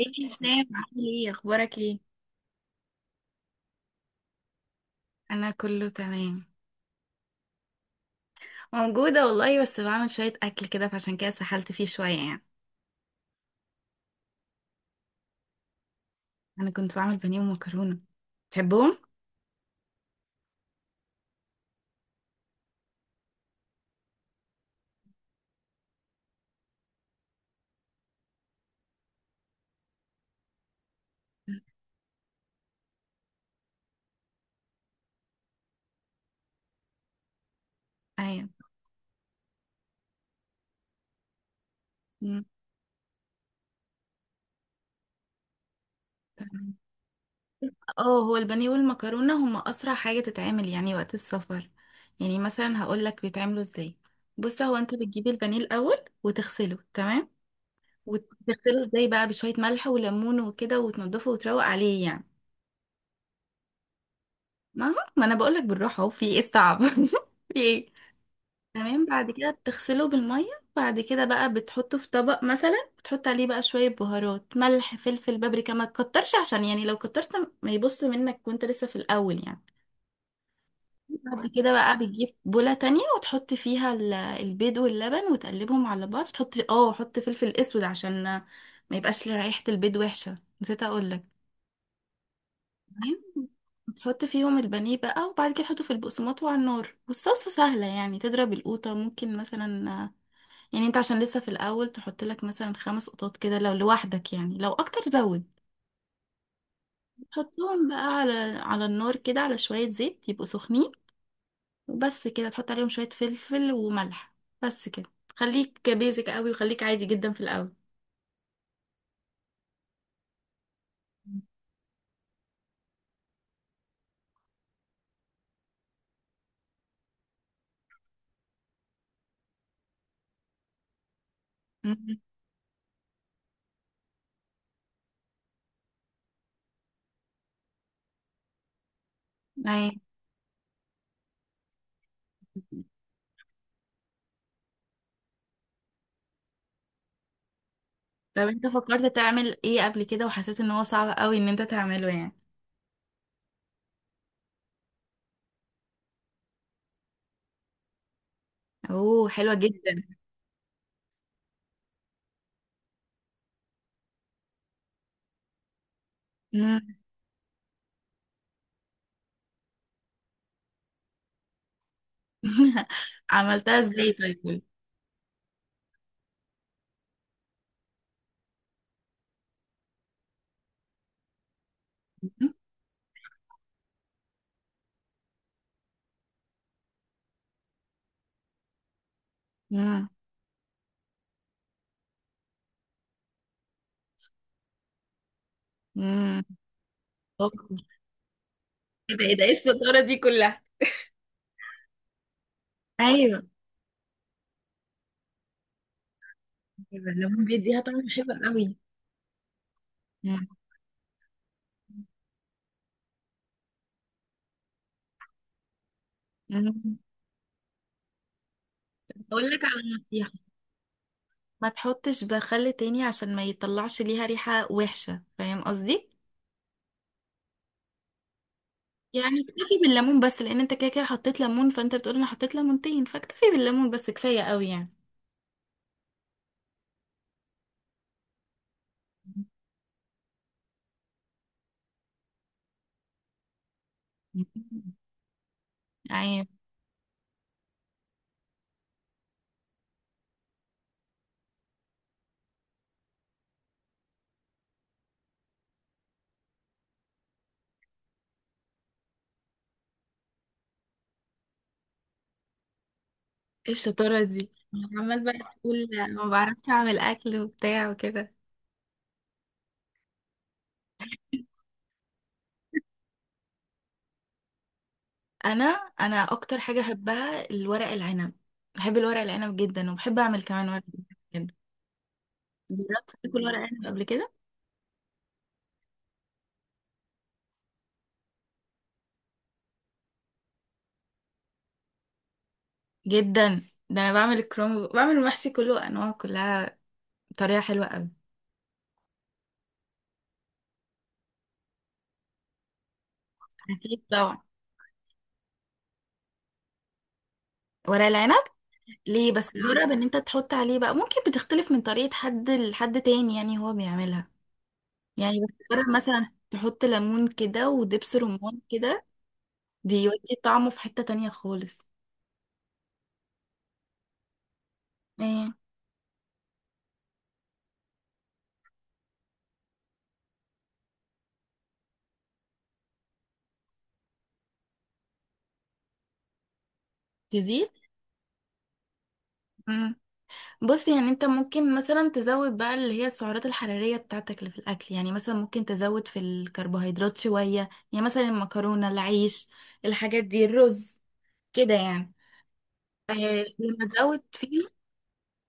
ايه يا هشام؟ عامل ايه؟ اخبارك ايه؟ انا كله تمام. موجوده والله، بس بعمل شويه اكل كده، فعشان كده سحلت فيه شويه يعني. انا كنت بعمل بانيه ومكرونه، تحبهم؟ ايوه. مم. تمام. اه هو البانيه والمكرونه هما اسرع حاجه تتعمل يعني وقت السفر. يعني مثلا هقول لك بيتعملوا ازاي. بص، هو انت بتجيب البانيه الاول وتغسله، تمام؟ وتغسله ازاي بقى؟ بشويه ملح وليمون وكده وتنضفه وتروق عليه يعني. ما هو ما انا بقول لك بالراحه، اهو في ايه الصعب في ايه؟ تمام، بعد كده بتغسله بالمية. بعد كده بقى بتحطه في طبق، مثلا بتحط عليه بقى شوية بهارات، ملح، فلفل، بابريكا، ما تكترش عشان يعني لو كترت ما يبص منك وانت لسه في الأول يعني. بعد كده بقى بتجيب بولة تانية وتحط فيها البيض واللبن، وتقلبهم على بعض، وتحط اه حط فلفل اسود عشان ما يبقاش ريحة البيض وحشة، نسيت اقولك. تمام، وتحط فيهم البانيه بقى، وبعد كده تحطه في البقسماط وعلى النار. والصلصة سهلة يعني، تضرب القوطة، ممكن مثلا يعني انت عشان لسه في الاول تحط لك مثلا 5 قطات كده لو لوحدك يعني، لو اكتر زود. تحطهم بقى على على النار كده، على شوية زيت، يبقوا سخنين، وبس كده، تحط عليهم شوية فلفل وملح، بس كده. خليك بيزك قوي، وخليك عادي جدا في الاول. مم. أي. طب انت فكرت تعمل ايه قبل كده وحسيت ان هو صعب قوي ان انت تعمله يعني؟ اوه، حلوة جدا. مم. عملتها ازاي طيب، قولي. مم. مم. اوه. ايه ده؟ ايه ده؟ ايه الشطارة دي كلها؟ ايوه. ايوه، الليمون بيديها طعم حلو قوي. مم. مم. اقول لك على نصيحه، ما تحطش بخل تاني عشان ما يطلعش ليها ريحة وحشة، فاهم قصدي؟ يعني اكتفي بالليمون بس، لان انت كده كده حطيت ليمون، فانت بتقول انا حطيت ليمونتين، فاكتفي بالليمون بس كفاية قوي يعني. مم. ايوه. ايه الشطاره دي؟ عمال بقى تقول ما بعرفش اعمل اكل وبتاع وكده. انا انا اكتر حاجة بحبها الورق العنب، بحب الورق العنب جدا، وبحب اعمل كمان ورق العنب. جربت تاكل ورق عنب قبل كده؟ جدا، ده انا بعمل الكرنب، بعمل المحشي كله، انواع كلها، بطريقه حلوه قوي. اكيد طبعا ورق العنب، ليه بس؟ جرب ان انت تحط عليه بقى، ممكن بتختلف من طريقه حد لحد تاني يعني هو بيعملها. يعني بس جرب مثلا تحط ليمون كده ودبس رمان كده، بيودي طعمه في حته تانية خالص. ايه؟ تزيد. بص يعني انت ممكن مثلا تزود بقى اللي هي السعرات الحرارية بتاعتك اللي في الأكل يعني. مثلا ممكن تزود في الكربوهيدرات شوية، يعني مثلا المكرونة، العيش، الحاجات دي، الرز، كده يعني. آه، لما تزود فيهم.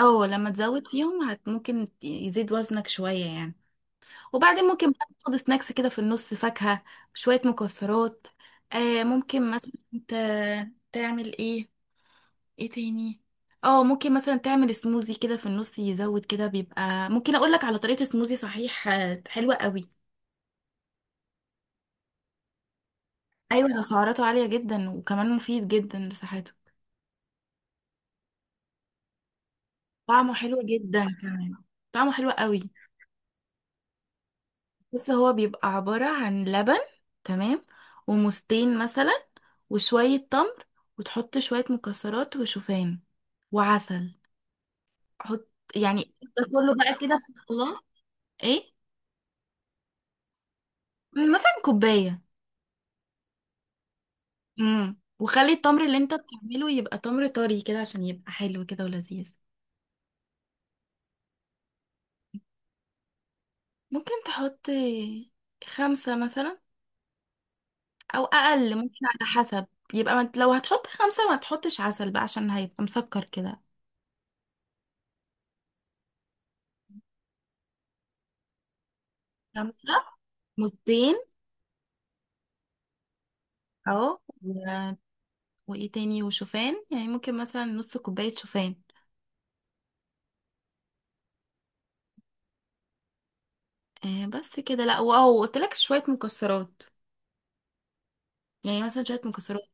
اه لما تزود فيهم ممكن يزيد وزنك شوية يعني. وبعدين ممكن بقى تاخد سناكس كده في النص، فاكهة، شوية مكسرات. آه، ممكن مثلا انت تعمل ايه، ايه تاني؟ اه ممكن مثلا تعمل سموزي كده في النص، يزود كده، بيبقى ممكن اقولك على طريقة سموزي صحيح. حلوة قوي. ايوه ده سعراته عالية جدا، وكمان مفيد جدا لصحتك. طعمه حلو جدا كمان، طعمه حلو قوي. بس هو بيبقى عبارة عن لبن، تمام، وموزتين مثلا، وشوية تمر، وتحط شوية مكسرات وشوفان، وعسل. حط، يعني ده كله بقى كده في الخلاط. ايه؟ مثلا كوباية. امم، وخلي التمر اللي انت بتعمله يبقى تمر طري كده عشان يبقى حلو كده ولذيذ. ممكن تحط 5 مثلا، او اقل، ممكن على حسب. يبقى ما انت- لو هتحط 5 ما تحطش عسل بقى، عشان هيبقى مسكر كده. 5، موزتين، اهو. وايه تاني؟ وشوفان، يعني ممكن مثلا نص كوباية شوفان. آه بس كده، لا واهو قلت لك شوية مكسرات، يعني مثلا شوية مكسرات.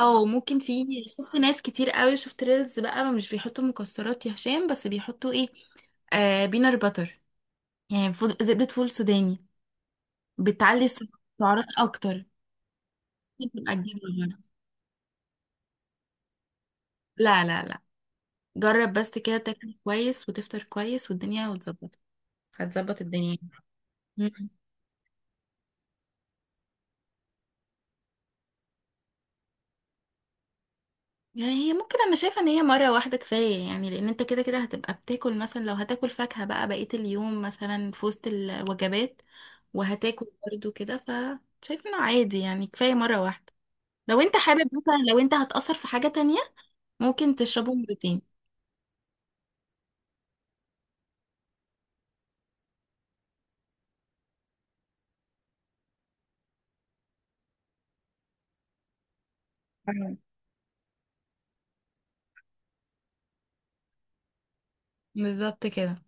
او ممكن، في شفت ناس كتير قوي، شفت ريلز بقى، مش بيحطوا مكسرات يا هشام، بس بيحطوا ايه؟ بينر باتر، يعني فول زبدة، فول سوداني، بتعلي السعرات اكتر. بتبقى تجيب وجبة. لا لا لا، جرب بس كده تاكل كويس وتفطر كويس والدنيا وتظبط، هتظبط الدنيا. يعني هي ممكن، انا شايفه ان هي مره واحده كفايه يعني، لان انت كده كده هتبقى بتاكل، مثلا لو هتاكل فاكهه بقى بقيه اليوم مثلا في وسط الوجبات، وهتاكل برضو كده، فشايفه انه عادي يعني، كفايه مره واحده. لو انت حابب مثلا، لو انت هتأثر في حاجه تانية ممكن تشربه مرتين. أيوة. بالظبط كده.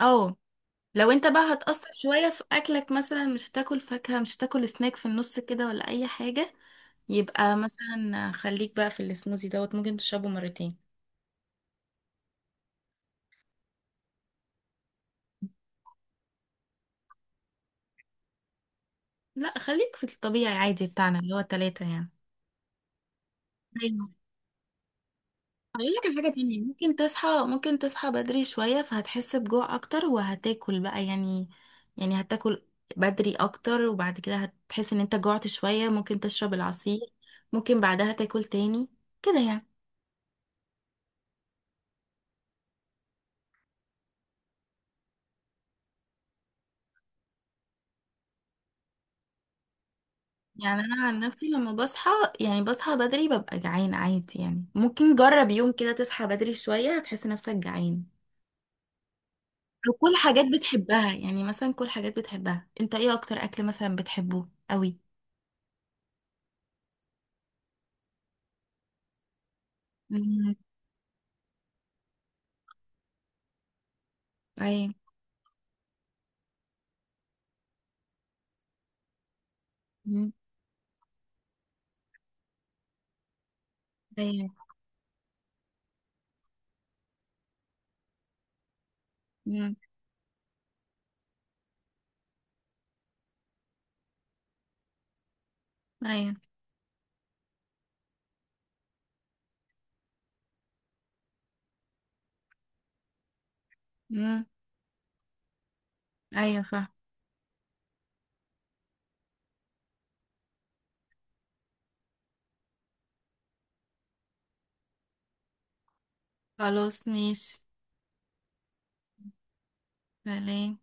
اه، لو انت بقى هتأثر شوية في أكلك، مثلا مش هتاكل فاكهة، مش هتاكل سناك في النص كده، ولا أي حاجة، يبقى مثلا خليك بقى في السموزي دوت، ممكن تشربه مرتين. لا، خليك في الطبيعي عادي بتاعنا اللي هو التلاتة يعني. ايوه. هقول لك على حاجه تانية، ممكن تصحى، ممكن تصحى بدري شوية، فهتحس بجوع أكتر وهتاكل بقى يعني. يعني هتاكل بدري أكتر، وبعد كده هتحس إن أنت جوعت شوية، ممكن تشرب العصير، ممكن بعدها تاكل تاني، كده يعني. يعني أنا عن نفسي لما بصحى، يعني بصحى بدري، ببقى جعان عادي يعني. ممكن جرب يوم كده تصحى بدري شوية، هتحس نفسك جعان. أو كل حاجات بتحبها، يعني مثلا كل حاجات بتحبها. انت ايه اكتر اكل مثلا بتحبه قوي؟ امم. ايوه. امم. ايوه. امم. ايوه. امم. ايوه. فاهم. خلاص ماشي، سلام.